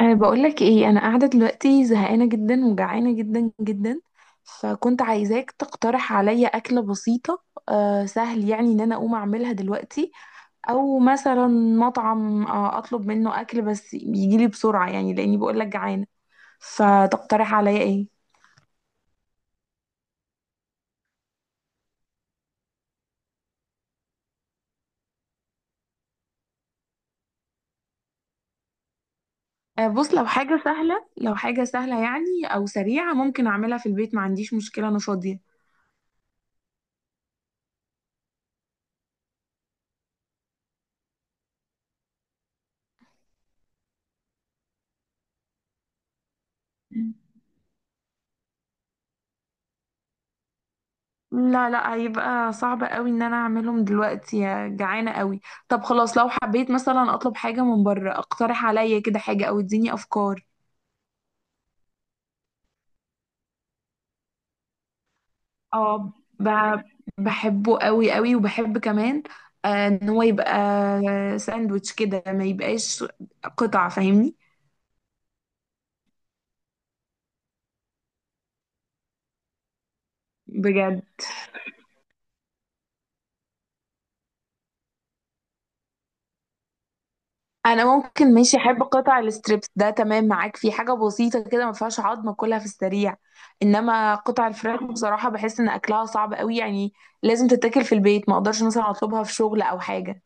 بقولك ايه، انا قاعده دلوقتي زهقانه جدا وجعانه جدا جدا. فكنت عايزاك تقترح عليا اكله بسيطه، سهل يعني ان انا اقوم اعملها دلوقتي، او مثلا مطعم، اطلب منه اكل بس يجيلي بسرعه، يعني لاني بقولك جعانه. فتقترح عليا ايه؟ بص، لو حاجه سهله، لو حاجه سهله، يعني او سريعه، ممكن اعملها في البيت، ما عنديش مشكله، انا فاضيه. لا، هيبقى صعب قوي ان انا اعملهم دلوقتي، يا جعانة قوي. طب خلاص، لو حبيت مثلا اطلب حاجة من بره، اقترح عليا كده حاجة او اديني افكار. اه، ب- بحبه قوي قوي، وبحب كمان، ان هو يبقى ساندوتش كده، ما يبقاش قطع، فاهمني؟ بجد، انا ممكن ماشي احب قطع الستريبس ده، تمام معاك في حاجه بسيطه كده، ما فيهاش عظمه، كلها في السريع. انما قطع الفراخ بصراحه بحس ان اكلها صعب قوي يعني، لازم تتاكل في البيت، ما اقدرش مثلا اطلبها في شغل او حاجه.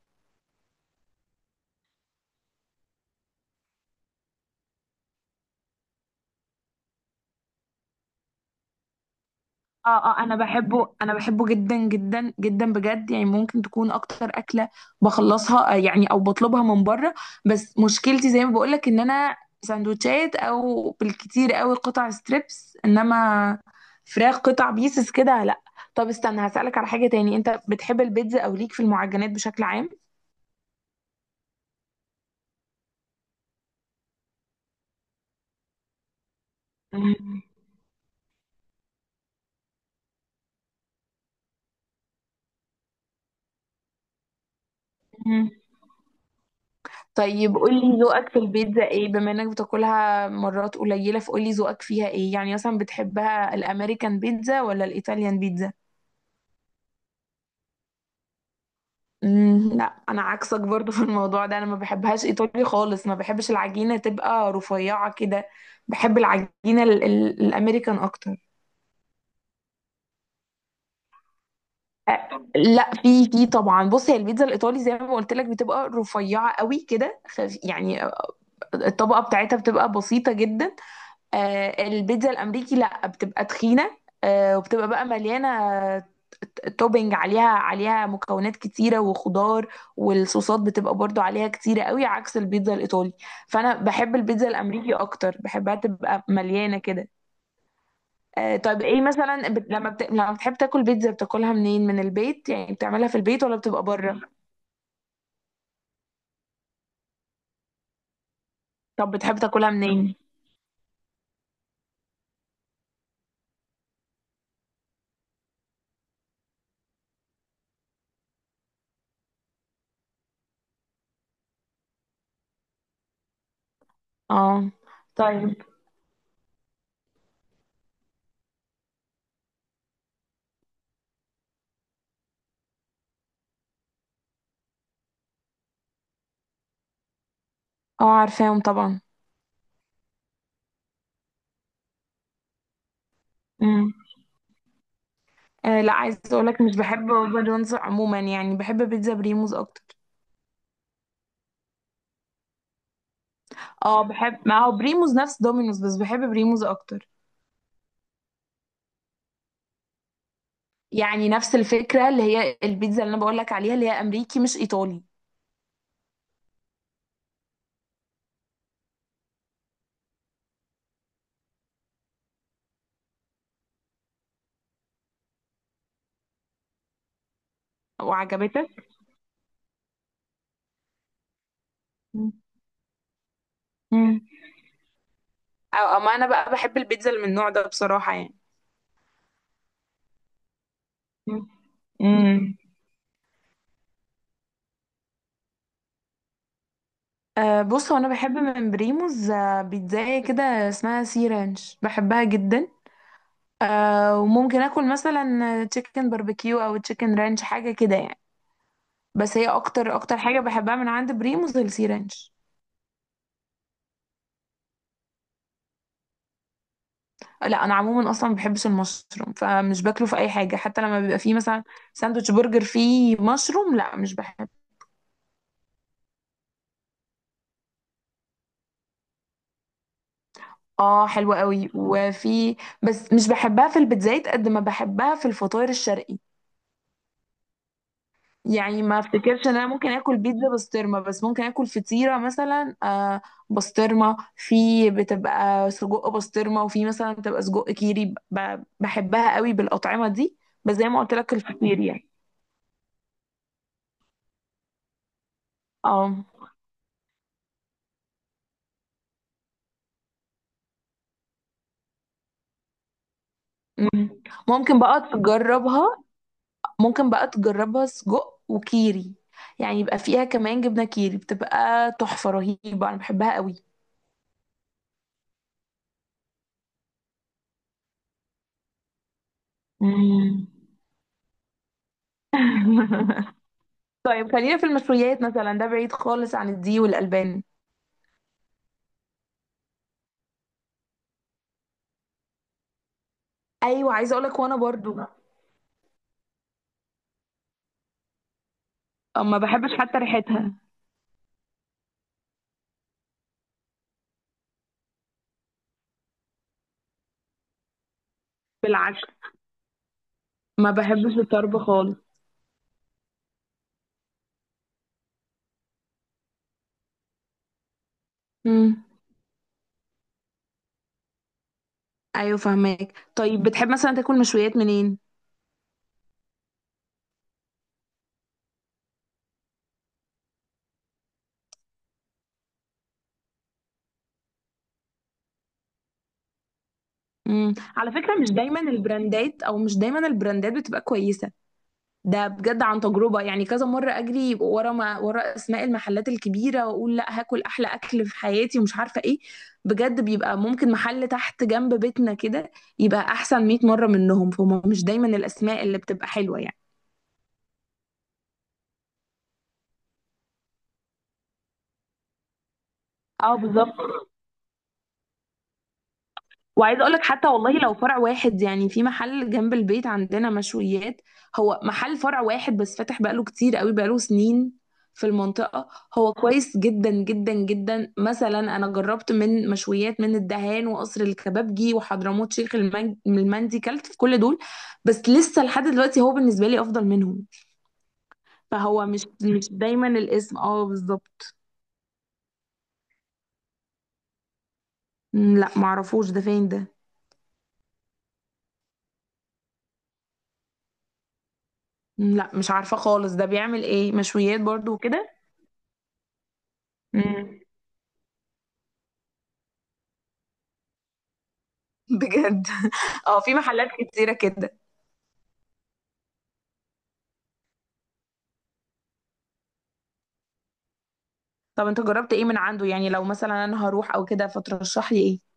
اه اه، انا بحبه، انا بحبه جدا جدا جدا بجد، يعني ممكن تكون اكتر اكله بخلصها، يعني، او بطلبها من بره. بس مشكلتي زي ما بقولك، ان انا سندوتشات، او بالكتير قوي قطع ستريبس، انما فراخ قطع بيسز كده لا. طب استنى هسألك على حاجة تاني، انت بتحب البيتزا؟ او ليك في المعجنات بشكل عام؟ مم. طيب قولي ذوقك في البيتزا ايه، بما انك بتاكلها مرات قليلة، فقولي ذوقك فيها ايه، يعني مثلا بتحبها الامريكان بيتزا ولا الايطاليان بيتزا؟ مم، لا. انا عكسك برضو في الموضوع ده، انا ما بحبهاش ايطالي خالص، ما بحبش العجينة تبقى رفيعة كده، بحب العجينة الامريكان اكتر. لا، في في طبعا. بص، هي البيتزا الايطالي زي ما قلت لك بتبقى رفيعة قوي كده، يعني الطبقة بتاعتها بتبقى بسيطة جدا. البيتزا الامريكي لا، بتبقى تخينه، وبتبقى بقى مليانه توبينج عليها، عليها مكونات كتيره وخضار، والصوصات بتبقى برضو عليها كتيره قوي، عكس البيتزا الايطالي. فانا بحب البيتزا الامريكي اكتر، بحبها تبقى مليانه كده. طب ايه مثلا، لما بتحب تاكل بيتزا بتاكلها منين؟ من البيت يعني، بتعملها في البيت، ولا بتبقى بره؟ طب بتحب تاكلها منين؟ اه. طيب. اه، عارفاهم طبعا. آه لا، عايزه اقول لك، مش بحب بابا جونز عموما، يعني بحب بيتزا بريموز اكتر. اه بحب، ما هو بريموز نفس دومينوز، بس بحب بريموز اكتر. يعني نفس الفكره، اللي هي البيتزا اللي انا بقول لك عليها، اللي هي امريكي مش ايطالي. وعجبتك؟ مم. مم. او اما انا بقى، بحب البيتزا اللي من النوع ده بصراحه يعني. مم. مم. بص، هو انا بحب من بريموز، بيتزاية كده اسمها سي رانش، بحبها جدا. وممكن اكل مثلا تشيكن باربيكيو، او تشيكن رانش، حاجه كده يعني. بس هي اكتر اكتر حاجه بحبها من عند بريموز السي رانش. لا انا عموما اصلا ما بحبش المشروم، فمش باكله في اي حاجه، حتى لما بيبقى فيه مثلا ساندوتش برجر فيه مشروم، لا، مش بحب. اه حلوه قوي، وفي، بس مش بحبها في البيتزايت قد ما بحبها في الفطاير الشرقي. يعني ما افتكرش ان انا ممكن اكل بيتزا بسطرمه، بس ممكن اكل فطيره مثلا آه، بسطرمه، في بتبقى سجق بسطرمه، وفي مثلا بتبقى سجق كيري، بحبها قوي بالاطعمه دي. بس زي ما قلت لك، الفطير يعني. اه. مم. ممكن بقى تجربها. ممكن بقى تجربها سجق وكيري، يعني يبقى فيها كمان جبنه كيري، بتبقى تحفه رهيبه، انا بحبها قوي. مم. طيب خلينا في المشويات مثلا، ده بعيد خالص عن الدي والألبان. ايوه عايزه اقول لك، وانا برضو ما بحبش حتى ريحتها. بالعكس، ما بحبش الطرب خالص. امم. ايوه فهماك. طيب بتحب مثلا تاكل مشويات منين؟ امم، على فكره مش دايما البراندات، او مش دايما البراندات بتبقى كويسه. ده بجد عن تجربه، يعني كذا مره اجري ورا ما ورا اسماء المحلات الكبيره، واقول لا هاكل احلى اكل في حياتي ومش عارفه ايه، بجد بيبقى ممكن محل تحت جنب بيتنا كده، يبقى احسن 100 مره منهم. فهم مش دايما الاسماء اللي بتبقى حلوه يعني. اه بالظبط. وعايزه اقول لك حتى والله، لو فرع واحد يعني، في محل جنب البيت عندنا مشويات، هو محل فرع واحد بس، فاتح بقاله كتير قوي، بقاله سنين في المنطقه، هو كويس جدا جدا جدا. مثلا انا جربت من مشويات، من الدهان، وقصر الكبابجي، وحضرموت شيخ المندي، كلت في كل دول، بس لسه لحد دلوقتي هو بالنسبه لي افضل منهم. فهو مش دايما الاسم، اه بالظبط. مم، لا معرفوش، ده فين ده؟ مم، لا مش عارفه خالص، ده بيعمل ايه، مشويات برضو؟ وكده؟ بجد؟ اه في محلات كتيرة كده. طب انت جربت ايه من عنده يعني، لو مثلا انا هروح او كده، فترشح لي ايه؟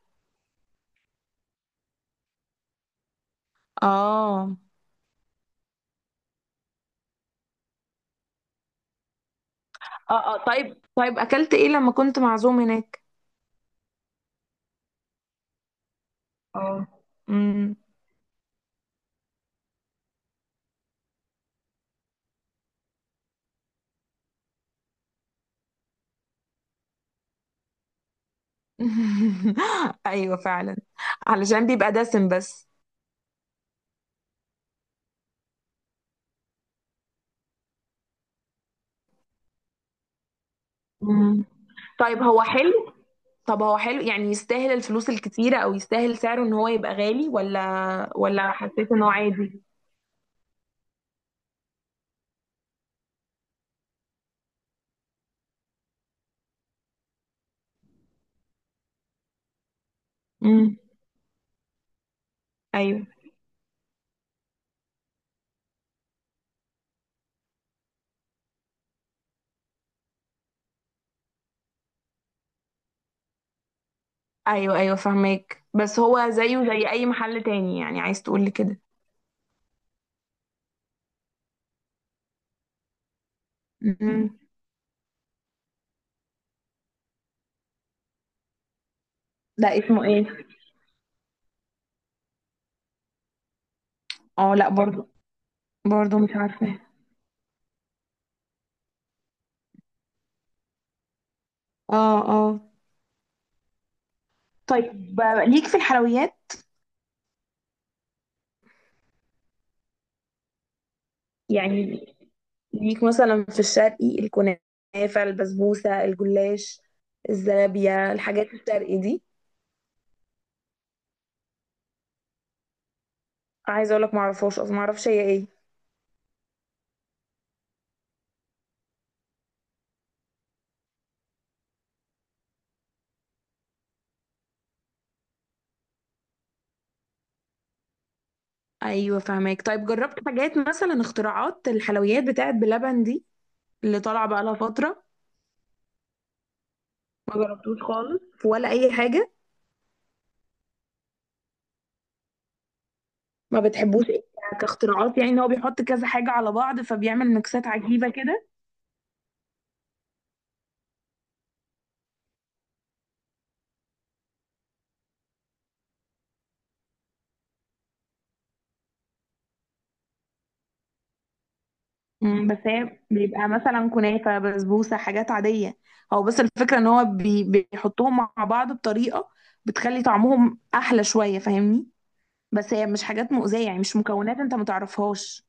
اه. اه. اه طيب، طيب اكلت ايه لما كنت معزوم هناك؟ اه. امم. ايوه فعلا، علشان بيبقى دسم بس. مم. طيب هو حلو؟ طب هو حلو يعني، يستاهل الفلوس الكتيرة، او يستاهل سعره ان هو يبقى غالي، ولا حسيت ان هو عادي؟ امم. ايوه ايوه. ايوه فهماك، بس هو زيه زي اي محل تاني، يعني عايز تقول لي كده؟ امم. ده اسمه ايه؟ اه لا برضو. برضو مش عارفه. اه اه. طيب، ليك في الحلويات؟ يعني ليك مثلا في الشرقي، الكنافه، البسبوسه، الجلاش، الزلابيه، الحاجات الشرقي دي. عايزه اقول لك ما اعرفهاش اصلا، ما اعرفش هي ايه. ايوه فهماك. طيب جربت حاجات مثلا اختراعات الحلويات بتاعت بلبن دي، اللي طالعه بقى لها فتره؟ ما جربتوش خالص، ولا اي حاجه؟ ما بتحبوش ايه، كاختراعات يعني، ان هو بيحط كذا حاجة على بعض فبيعمل ميكسات عجيبة كده؟ مم، بس هي بيبقى مثلا كنافة، بسبوسة، حاجات عادية، هو بس الفكرة ان هو بي، بيحطهم مع بعض بطريقة بتخلي طعمهم احلى شوية، فاهمني؟ بس هي مش حاجات مؤذية يعني، مش مكونات انت متعرفهاش.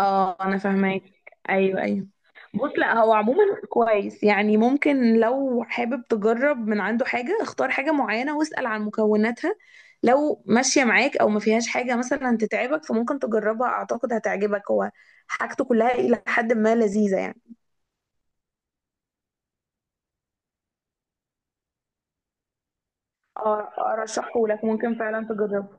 اه انا فاهماك. ايوه ايوه. بص لا، هو عموما كويس يعني، ممكن لو حابب تجرب من عنده حاجة، اختار حاجة معينة واسأل عن مكوناتها، لو ماشية معاك او ما فيهاش حاجة مثلا تتعبك، فممكن تجربها، اعتقد هتعجبك، هو حاجته كلها الى حد ما لذيذة يعني. اه ارشحه لك، ممكن فعلا تجربه.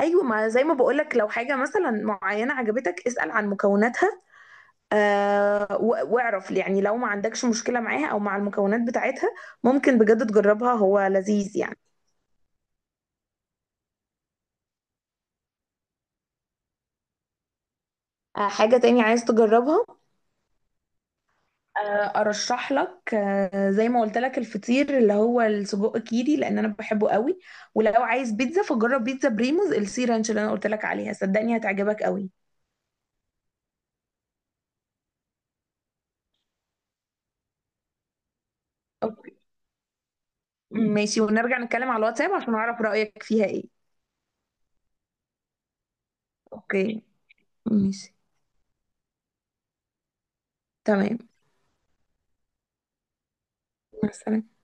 ايوه، ما زي ما بقولك، لو حاجة مثلا معينة عجبتك اسأل عن مكوناتها، واعرف يعني لو ما عندكش مشكلة معاها، او مع المكونات بتاعتها، ممكن بجد تجربها، هو لذيذ يعني. آه حاجة تاني عايز تجربها؟ آه ارشح لك، آه زي ما قلت لك، الفطير اللي هو السجق كيري، لان انا بحبه قوي. ولو عايز بيتزا، فجرب بيتزا بريموز السي رانش، اللي انا قلت لك عليها، صدقني هتعجبك قوي. اوكي. ماشي، ونرجع نتكلم على الواتساب عشان اعرف رأيك فيها ايه. اوكي. ماشي. تمام. مع السلامة.